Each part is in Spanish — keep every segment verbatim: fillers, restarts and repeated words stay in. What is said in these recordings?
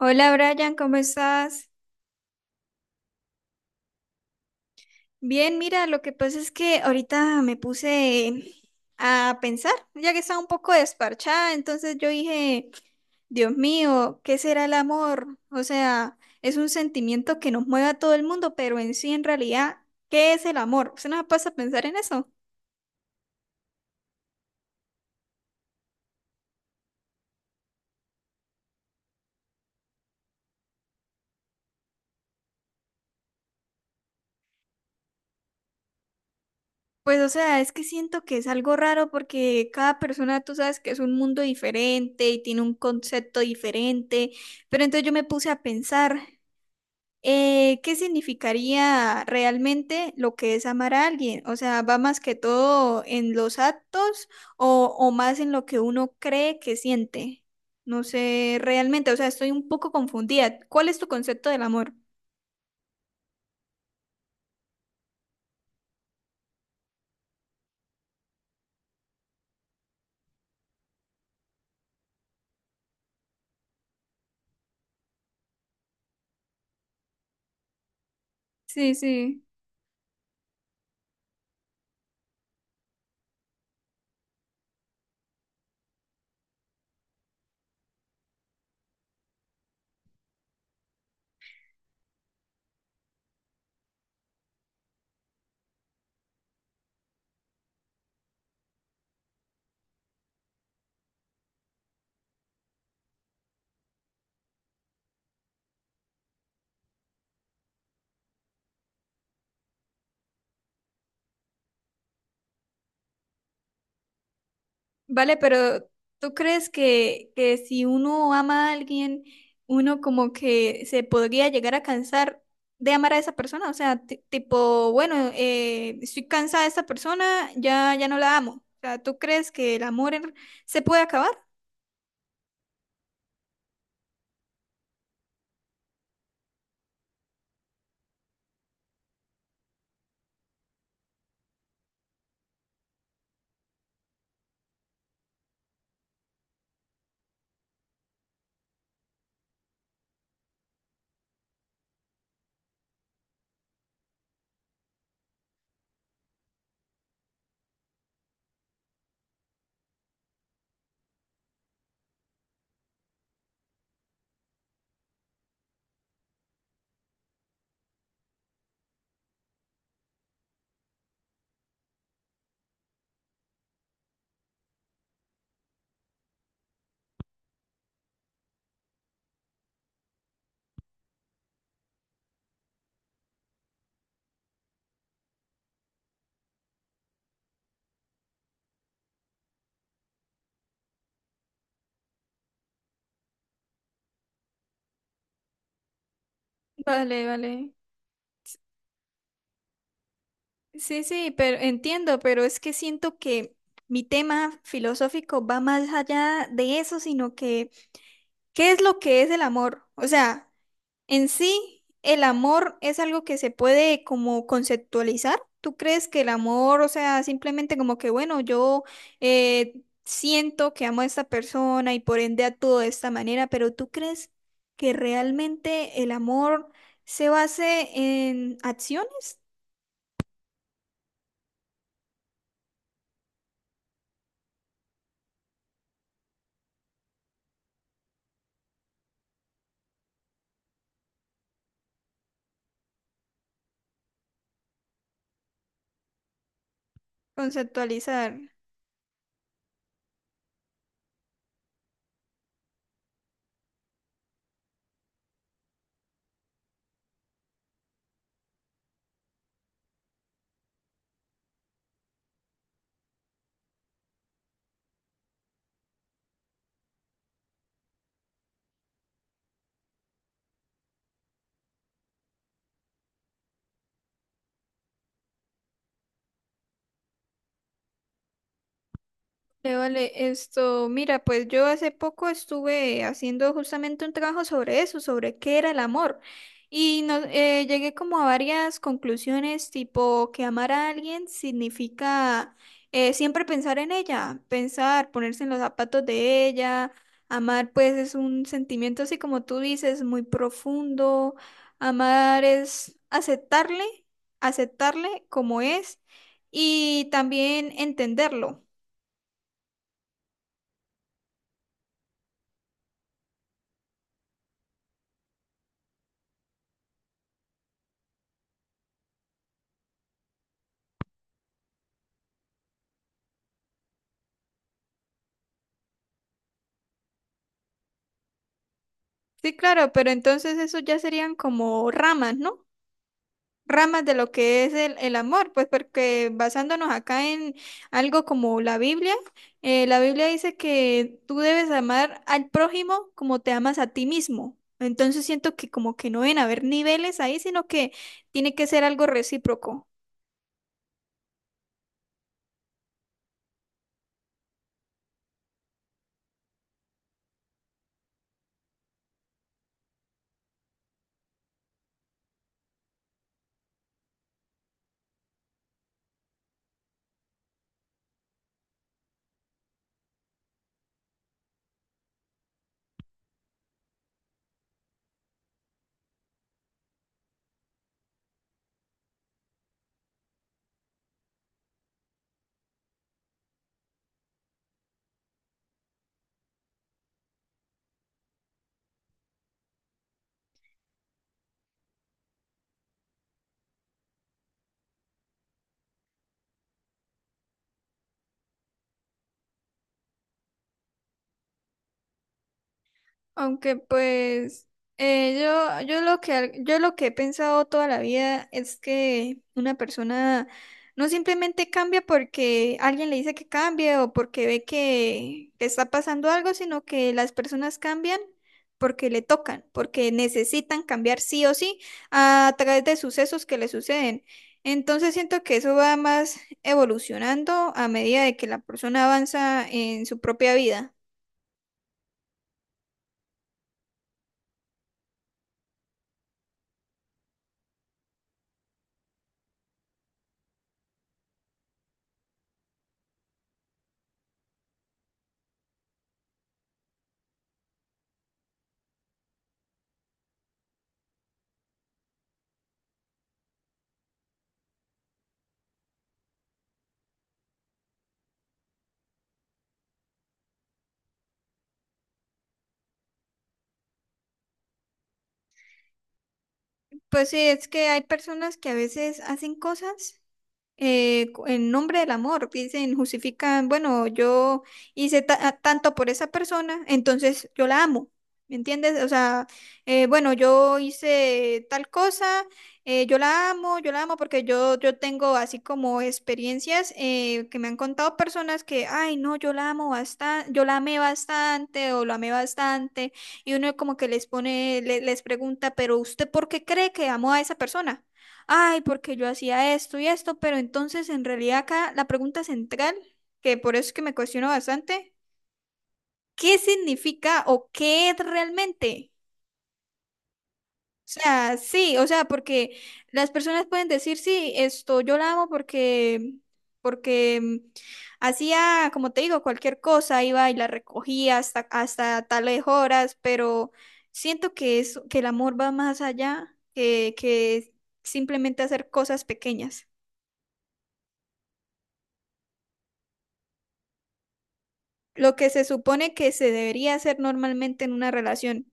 Hola Brian, ¿cómo estás? Bien, mira, lo que pasa es que ahorita me puse a pensar, ya que estaba un poco desparchada, entonces yo dije, Dios mío, ¿qué será el amor? O sea, es un sentimiento que nos mueve a todo el mundo, pero en sí, en realidad, ¿qué es el amor? ¿Usted no pasa a pensar en eso? Pues, o sea, es que siento que es algo raro porque cada persona, tú sabes que es un mundo diferente y tiene un concepto diferente, pero entonces yo me puse a pensar. Eh, ¿qué significaría realmente lo que es amar a alguien? O sea, ¿va más que todo en los actos o, o más en lo que uno cree que siente? No sé realmente, o sea, estoy un poco confundida. ¿Cuál es tu concepto del amor? Sí, sí. Vale, pero ¿tú crees que, que si uno ama a alguien, uno como que se podría llegar a cansar de amar a esa persona? O sea, ti- tipo, bueno, eh, estoy cansada de esta persona, ya, ya no la amo. O sea, ¿tú crees que el amor en- se puede acabar? Vale, vale. Sí, sí, pero entiendo, pero es que siento que mi tema filosófico va más allá de eso, sino que, ¿qué es lo que es el amor? O sea... En sí, el amor es algo que se puede como conceptualizar. ¿Tú crees que el amor, o sea, simplemente como que, bueno, yo eh, siento que amo a esta persona y por ende actúo de esta manera, pero tú crees que realmente el amor se base en acciones? Conceptualizar. Eh, Vale, esto, mira, pues yo hace poco estuve haciendo justamente un trabajo sobre eso, sobre qué era el amor. Y no, eh, llegué como a varias conclusiones, tipo que amar a alguien significa eh, siempre pensar en ella, pensar, ponerse en los zapatos de ella. Amar, pues, es un sentimiento así como tú dices, muy profundo. Amar es aceptarle, aceptarle como es y también entenderlo. Sí, claro, pero entonces eso ya serían como ramas, ¿no? Ramas de lo que es el, el amor, pues porque basándonos acá en algo como la Biblia, eh, la Biblia dice que tú debes amar al prójimo como te amas a ti mismo. Entonces siento que como que no deben haber niveles ahí, sino que tiene que ser algo recíproco. Aunque pues eh, yo, yo lo que al- yo lo que he pensado toda la vida es que una persona no simplemente cambia porque alguien le dice que cambie o porque ve que, que está pasando algo, sino que las personas cambian porque le tocan, porque necesitan cambiar sí o sí a través de sucesos que le suceden. Entonces siento que eso va más evolucionando a medida de que la persona avanza en su propia vida. Pues sí, es que hay personas que a veces hacen cosas eh, cu- en nombre del amor, dicen, justifican, bueno, yo hice ta- a- tanto por esa persona, entonces yo la amo, ¿me entiendes? O sea, eh, bueno, yo hice tal cosa, eh, yo la amo, yo la amo porque yo, yo tengo así como experiencias eh, que me han contado personas que, ay, no, yo la amo bastante, yo la amé bastante o lo amé bastante, y uno como que les pone, le- les pregunta, pero ¿usted por qué cree que amó a esa persona? Ay, porque yo hacía esto y esto, pero entonces en realidad acá la pregunta central, que por eso es que me cuestiono bastante, ¿qué significa o qué es realmente? O sea, sí, o sea, porque las personas pueden decir, sí, esto yo la amo porque, porque mm, hacía, como te digo, cualquier cosa, iba y la recogía hasta, hasta tales horas, pero siento que es, que el amor va más allá que, que simplemente hacer cosas pequeñas. Lo que se supone que se debería hacer normalmente en una relación.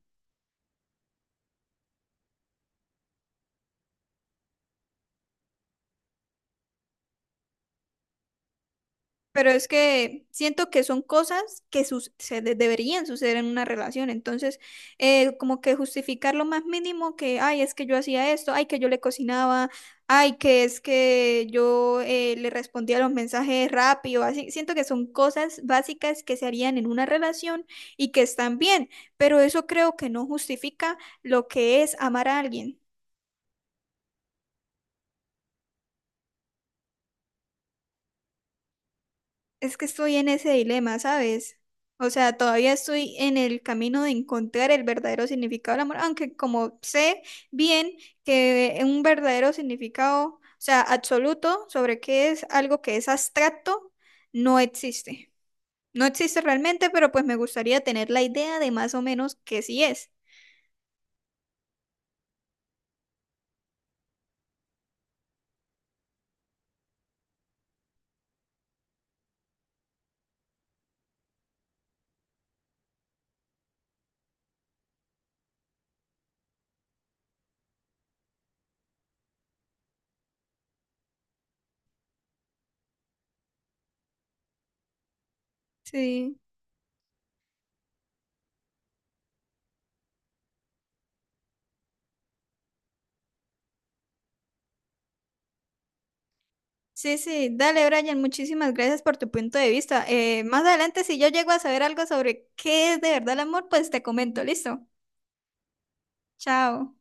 Pero es que siento que son cosas que sus- se de- deberían suceder en una relación. Entonces, eh, como que justificar lo más mínimo que, ay, es que yo hacía esto, ay, que yo le cocinaba, ay, que es que yo eh, le respondía los mensajes rápido, así. Siento que son cosas básicas que se harían en una relación y que están bien, pero eso creo que no justifica lo que es amar a alguien. Es que estoy en ese dilema, ¿sabes? O sea, todavía estoy en el camino de encontrar el verdadero significado del amor, aunque como sé bien que un verdadero significado, o sea, absoluto sobre qué es algo que es abstracto, no existe. No existe realmente, pero pues me gustaría tener la idea de más o menos qué sí es. Sí. Sí, sí, dale, Brian, muchísimas gracias por tu punto de vista. Eh, más adelante, si yo llego a saber algo sobre qué es de verdad el amor, pues te comento, listo. Chao.